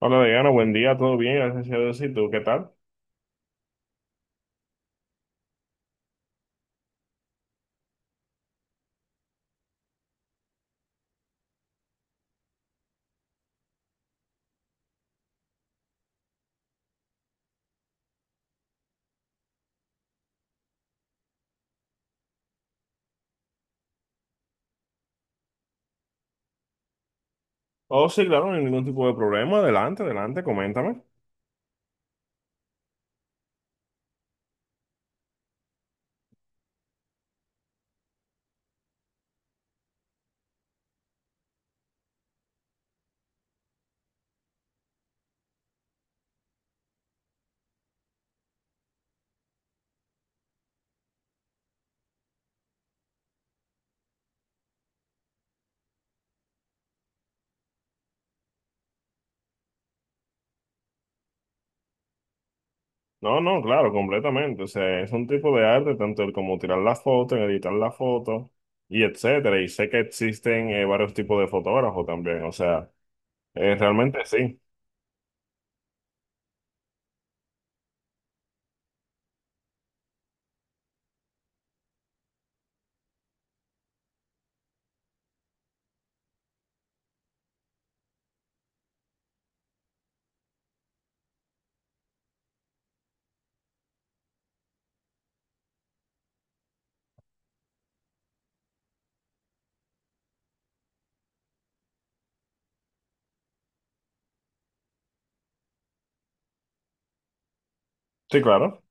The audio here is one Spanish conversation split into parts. Hola, Diana, buen día, todo bien, gracias a Dios. ¿Y tú qué tal? Oh, sí, claro, no hay ningún tipo de problema. Adelante, adelante, coméntame. No, no, claro, completamente. O sea, es un tipo de arte, tanto el como tirar la foto, en editar la foto, y etcétera. Y sé que existen varios tipos de fotógrafos también. O sea, realmente sí. Sí, claro.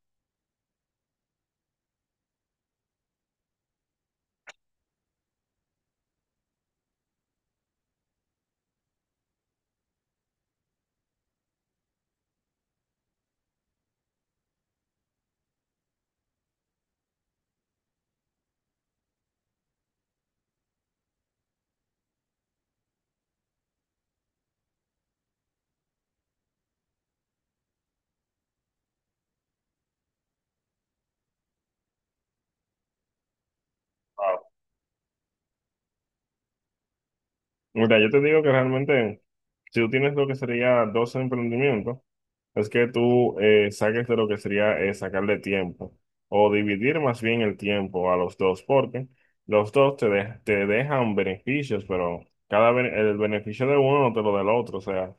Ah, mira, yo te digo que realmente, si tú tienes lo que sería dos emprendimientos, es que tú saques de lo que sería sacarle tiempo o dividir más bien el tiempo a los dos, porque los dos te dejan beneficios, pero el beneficio de uno no te lo da el otro. O sea,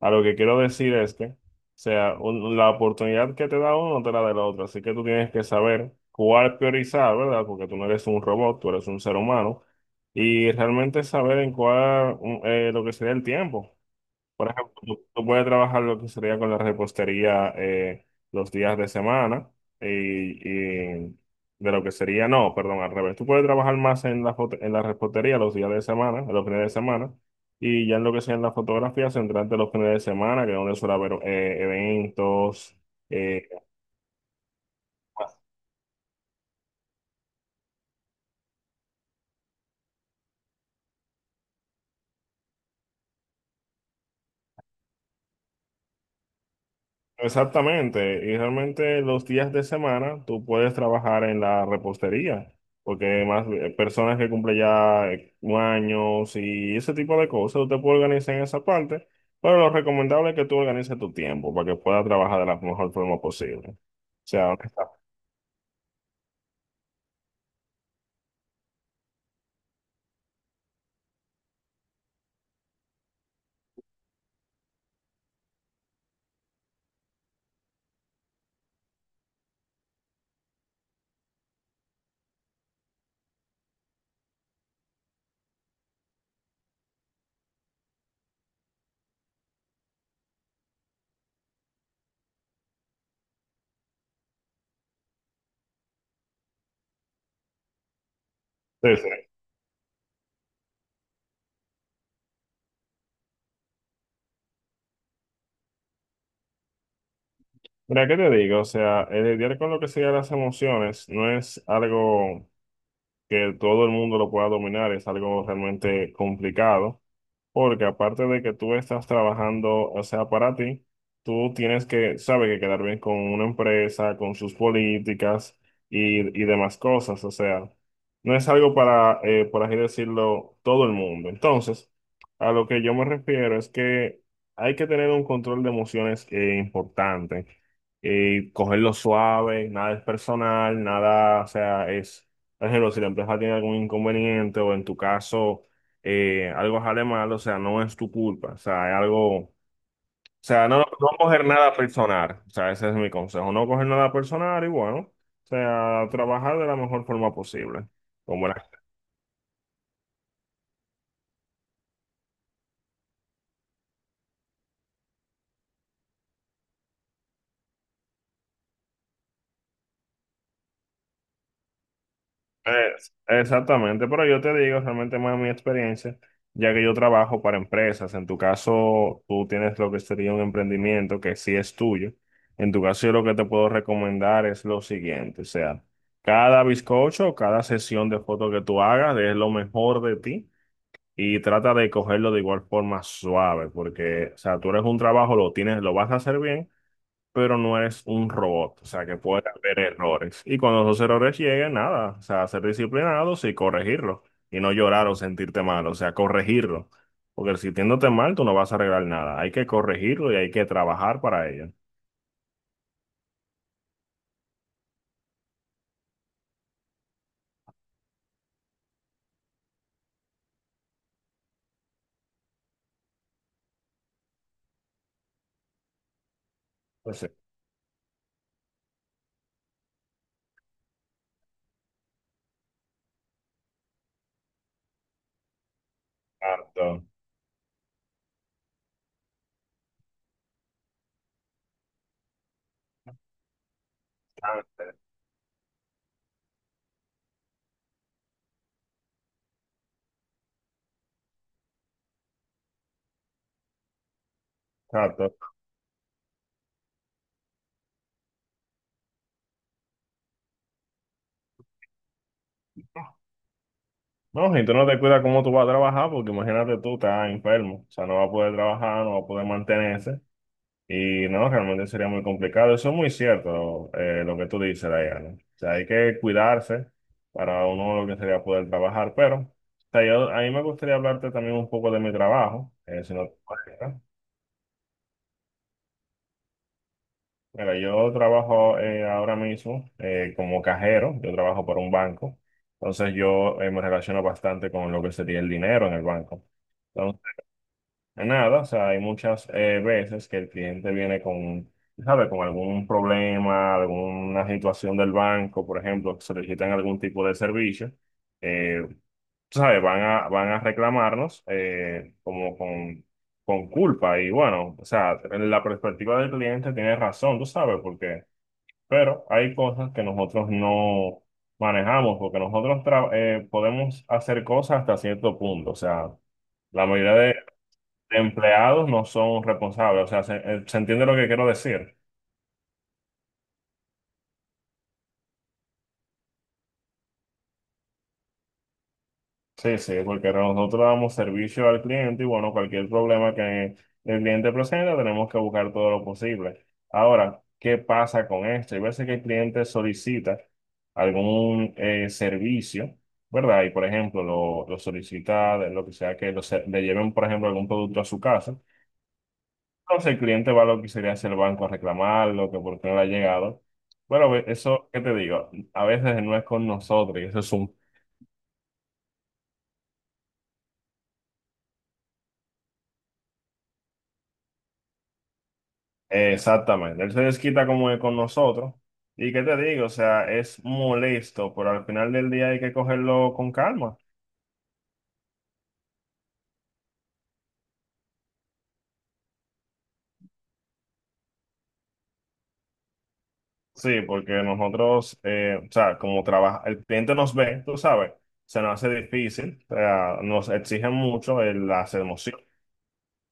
a lo que quiero decir es que, o sea, la oportunidad que te da uno no te la da el otro, así que tú tienes que saber cuál priorizar, ¿verdad? Porque tú no eres un robot, tú eres un ser humano y realmente saber en cuál lo que sería el tiempo. Por ejemplo, tú puedes trabajar lo que sería con la repostería los días de semana y de lo que sería, no, perdón, al revés. Tú puedes trabajar más en en la repostería los días de semana, los fines de semana, y ya en lo que sea en la fotografía, centrarte en los fines de semana, que es donde suele haber eventos, eh, exactamente, y realmente los días de semana tú puedes trabajar en la repostería, porque más personas que cumplen ya un y ese tipo de cosas, usted puede organizar en esa parte, pero lo recomendable es que tú organices tu tiempo para que puedas trabajar de la mejor forma posible. O sea, sí, sí. Mira, ¿qué te digo? O sea, el lidiar con lo que sean las emociones no es algo que todo el mundo lo pueda dominar, es algo realmente complicado. Porque aparte de que tú estás trabajando, o sea, para ti, tú tienes que, sabe, que quedar bien con una empresa, con sus políticas y demás cosas. O sea, no es algo para, por así decirlo, todo el mundo. Entonces, a lo que yo me refiero es que hay que tener un control de emociones importante. Cogerlo suave, nada es personal, nada, o sea, es, por ejemplo, si la empresa tiene algún inconveniente o en tu caso algo sale mal, o sea, no es tu culpa, o sea, es algo, o sea, no coger nada personal, o sea, ese es mi consejo, no coger nada personal y bueno, o sea, trabajar de la mejor forma posible, con buenas. Es- exactamente, pero yo te digo realmente más mi experiencia, ya que yo trabajo para empresas, en tu caso tú tienes lo que sería un emprendimiento que sí es tuyo, en tu caso yo lo que te puedo recomendar es lo siguiente, o sea, cada bizcocho, cada sesión de fotos que tú hagas es lo mejor de ti y trata de cogerlo de igual forma suave, porque, o sea, tú eres un trabajo, lo tienes, lo vas a hacer bien, pero no eres un robot, o sea, que puede haber errores. Y cuando esos errores lleguen, nada, o sea, ser disciplinados y corregirlos, y no llorar o sentirte mal, o sea, corregirlo. Porque si sintiéndote mal, tú no vas a arreglar nada, hay que corregirlo y hay que trabajar para ello. Pues, exacto, exacto. No, si tú no te cuidas cómo tú vas a trabajar, porque imagínate tú, estás enfermo, o sea, no vas a poder trabajar, no vas a poder mantenerse. Y no, realmente sería muy complicado. Eso es muy cierto, lo que tú dices, Diana. O sea, hay que cuidarse para uno lo que sería poder trabajar. Pero, o sea, yo, a mí me gustaría hablarte también un poco de mi trabajo, si no te molesta. Mira, yo trabajo ahora mismo como cajero, yo trabajo para un banco. Entonces, yo me relaciono bastante con lo que sería el dinero en el banco. Nada, o sea, hay muchas veces que el cliente viene con, ¿sabe? Con algún problema, alguna situación del banco, por ejemplo, solicitan algún tipo de servicio, eh, ¿sabe? Van a, van a reclamarnos como con culpa y bueno, o sea, en la perspectiva del cliente tiene razón, tú sabes, porque, pero hay cosas que nosotros no manejamos, porque nosotros podemos hacer cosas hasta cierto punto, o sea, la mayoría empleados no son responsables, o sea, se, se entiende lo que quiero decir. Sí, sí, porque nosotros damos servicio al cliente y bueno, cualquier problema que el cliente presente tenemos que buscar todo lo posible. Ahora, ¿qué pasa con esto? Hay veces que el cliente solicita algún servicio, ¿verdad? Y por ejemplo, lo solicita, de lo que sea que le lleven, por ejemplo, algún producto a su casa. Entonces el cliente va a lo que sería hacia el banco a reclamarlo, que por qué no le ha llegado. Bueno, eso, ¿qué te digo? A veces no es con nosotros, y eso es un... Exactamente, él se desquita como es con nosotros. ¿Y qué te digo? O sea, es molesto, pero al final del día hay que cogerlo con calma. Sí, porque nosotros, o sea, como trabaja, el cliente nos ve, tú sabes, se nos hace difícil, o sea, nos exigen mucho las emociones.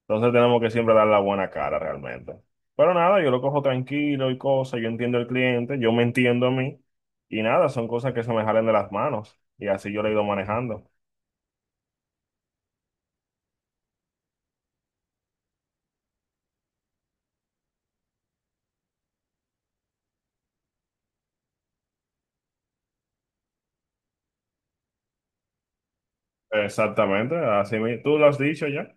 Entonces tenemos que siempre dar la buena cara realmente. Pero nada, yo lo cojo tranquilo y cosas, yo entiendo al cliente, yo me entiendo a mí y nada, son cosas que se me salen de las manos y así yo lo he ido manejando. Exactamente, así tú lo has dicho ya.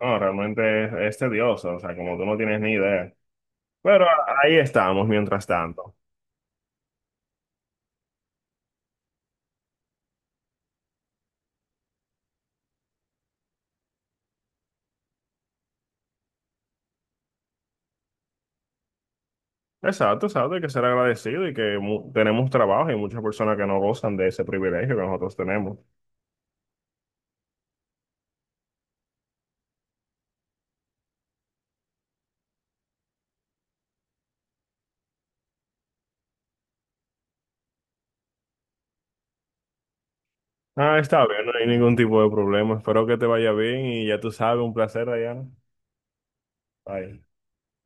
No, realmente es tedioso, o sea, como tú no tienes ni idea. Pero ahí estamos mientras tanto. Exacto, exacto, hay que ser agradecido y que tenemos trabajo y muchas personas que no gozan de ese privilegio que nosotros tenemos. Ah, está bien, no hay ningún tipo de problema. Espero que te vaya bien y ya tú sabes, un placer, Diana. Bye.